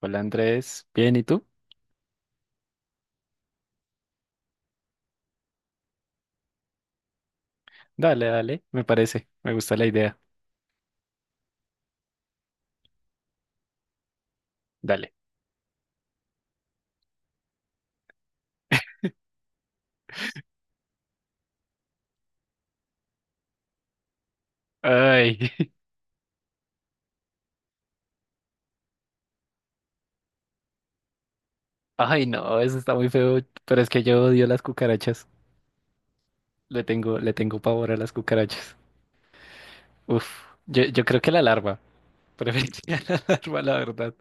Hola Andrés, ¿bien y tú? Dale, dale, me parece, me gusta la idea. Dale. Ay, ay no, eso está muy feo, pero es que yo odio las cucarachas. Le tengo pavor a las cucarachas. Uf, yo creo que la larva, preferiría la larva, la verdad.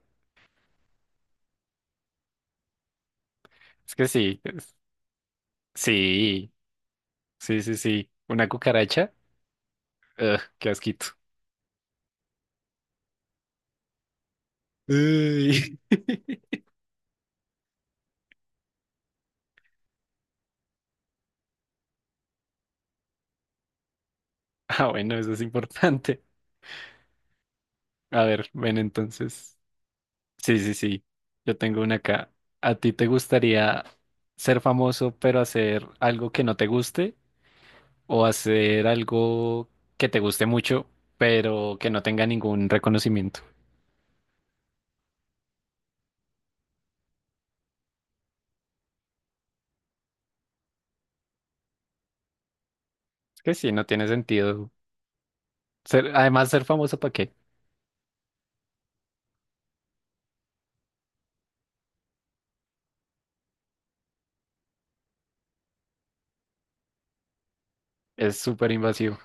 Es que sí, sí, sí, sí, sí. Una cucaracha, ugh, qué asquito. Uy. Ah, bueno, eso es importante. A ver, ven entonces. Sí, sí, sí. Yo tengo una acá. ¿A ti te gustaría ser famoso pero hacer algo que no te guste o hacer algo que te guste mucho pero que no tenga ningún reconocimiento? Es que sí, no tiene sentido. Ser, además, ser famoso, ¿para qué? Es súper invasivo.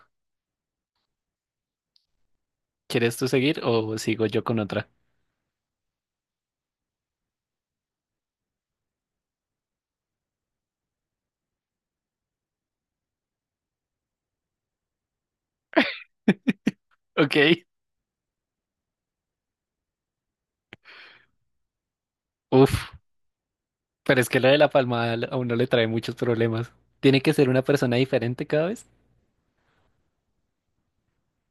¿Quieres tú seguir o sigo yo con otra? Ok. Uf, pero es que lo de la palmada a uno le trae muchos problemas. ¿Tiene que ser una persona diferente cada vez?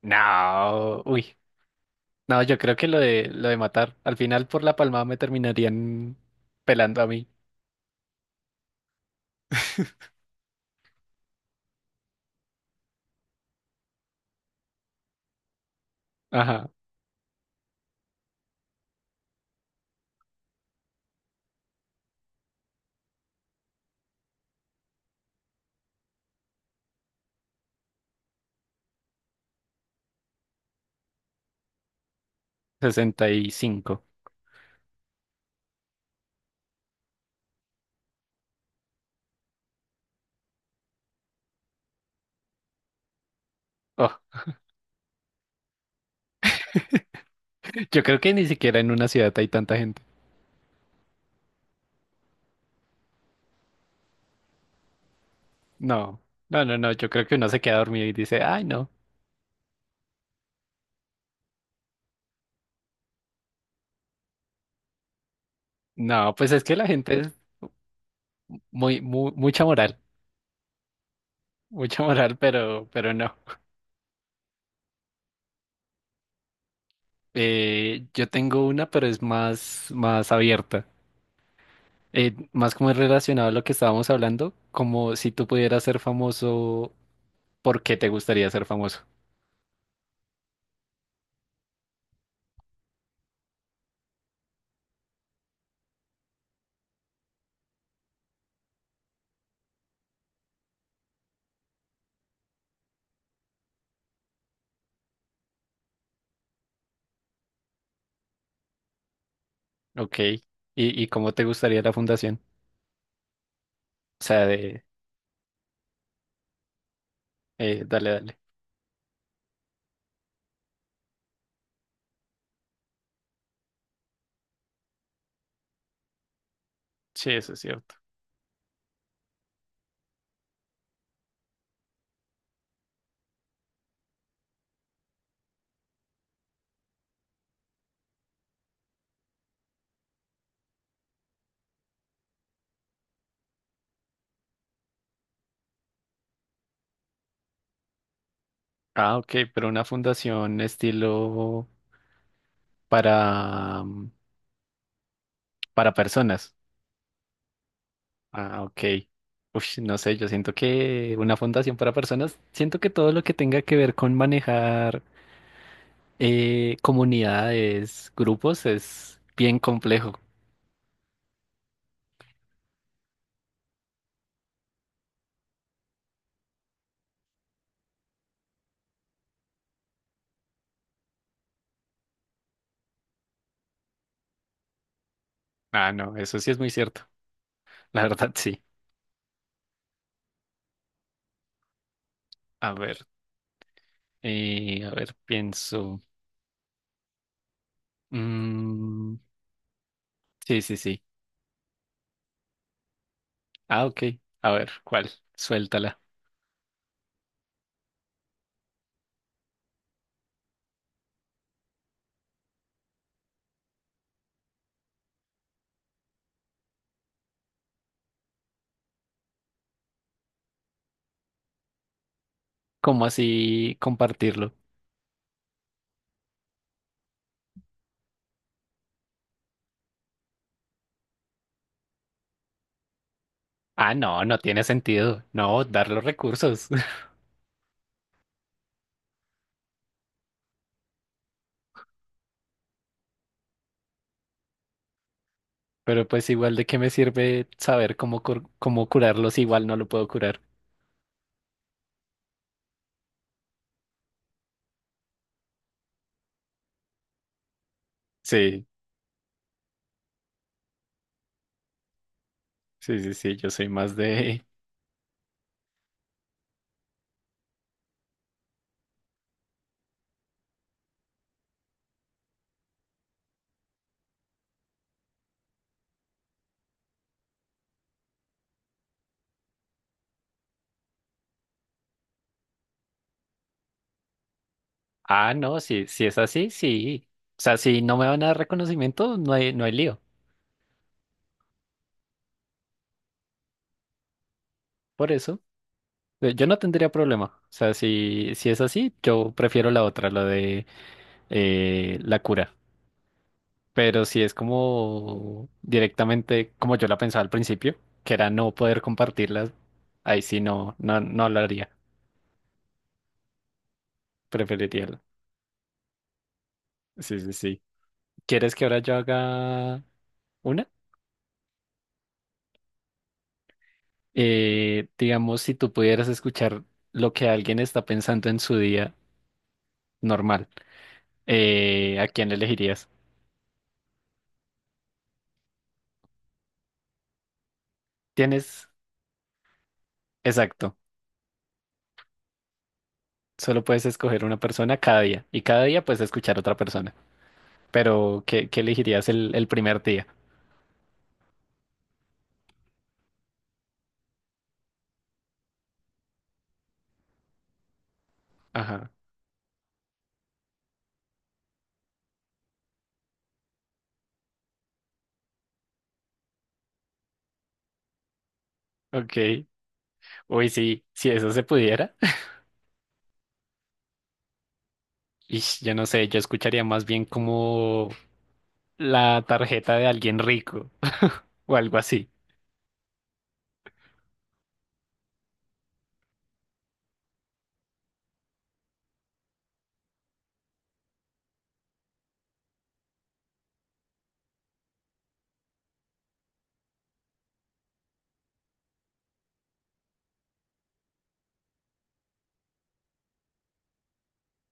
No. Uy. No, yo creo que lo de matar. Al final por la palmada me terminarían pelando a mí. Ajá, 65. Oh, yo creo que ni siquiera en una ciudad hay tanta gente. No, no, no, no. Yo creo que uno se queda dormido y dice, ay, no. No, pues es que la gente es muy, mucha moral. Mucha moral, pero no. Yo tengo una, pero es más, más abierta. Más como es relacionado a lo que estábamos hablando, como si tú pudieras ser famoso, ¿por qué te gustaría ser famoso? Ok. Y cómo te gustaría la fundación? O sea, de... dale, dale. Sí, eso es cierto. Ah, ok, pero una fundación estilo para, mm, para personas. Ah, ok. Uf, no sé, yo siento que una fundación para personas, siento que todo lo que tenga que ver con manejar comunidades, grupos, es bien complejo. Ah, no, eso sí es muy cierto. La verdad, sí. A ver, a ver, pienso. Mm, sí, sí, sí. Ah, ok. A ver, ¿cuál? Suéltala. ¿Cómo así compartirlo? Ah, no, no tiene sentido. No, dar los recursos. Pero pues igual de qué me sirve saber cómo, cómo curarlos, igual no lo puedo curar. Sí, sí, sí, sí, yo soy más de... Ah, no, si, si es así, sí. O sea, si no me van a dar reconocimiento, no hay, no hay lío. Por eso, yo no tendría problema. O sea, si, si es así, yo prefiero la otra, la de la cura. Pero si es como directamente como yo la pensaba al principio, que era no poder compartirlas, ahí sí no, no, no lo haría. Preferiría. Sí, sí, sí. ¿Quieres que ahora yo haga una? Digamos, si tú pudieras escuchar lo que alguien está pensando en su día normal, ¿a quién elegirías? Tienes, exacto, solo puedes escoger una persona cada día y cada día puedes escuchar otra persona. Pero, ¿qué, qué elegirías el primer día? Ajá, ok. Uy, sí, si eso se pudiera. Ish, yo no sé, yo escucharía más bien como la tarjeta de alguien rico o algo así.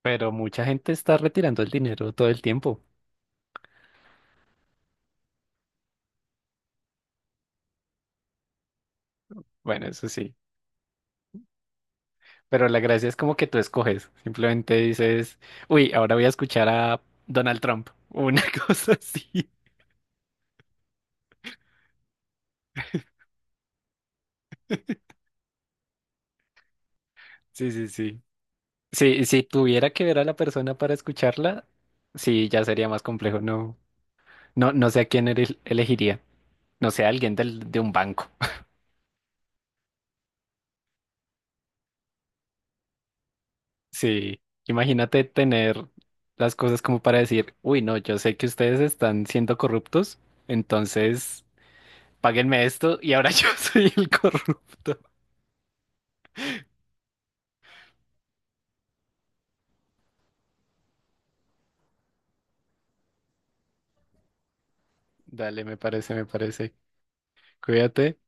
Pero mucha gente está retirando el dinero todo el tiempo. Bueno, eso sí. Pero la gracia es como que tú escoges. Simplemente dices, uy, ahora voy a escuchar a Donald Trump. O una cosa así. Sí, sí, sí. Si, si tuviera que ver a la persona para escucharla, sí, ya sería más complejo. No, no, no sé a quién elegiría. No sé, a alguien del, de un banco. Sí, imagínate tener las cosas como para decir, uy, no, yo sé que ustedes están siendo corruptos, entonces páguenme esto y ahora yo soy el corrupto. Dale, me parece, me parece. Cuídate.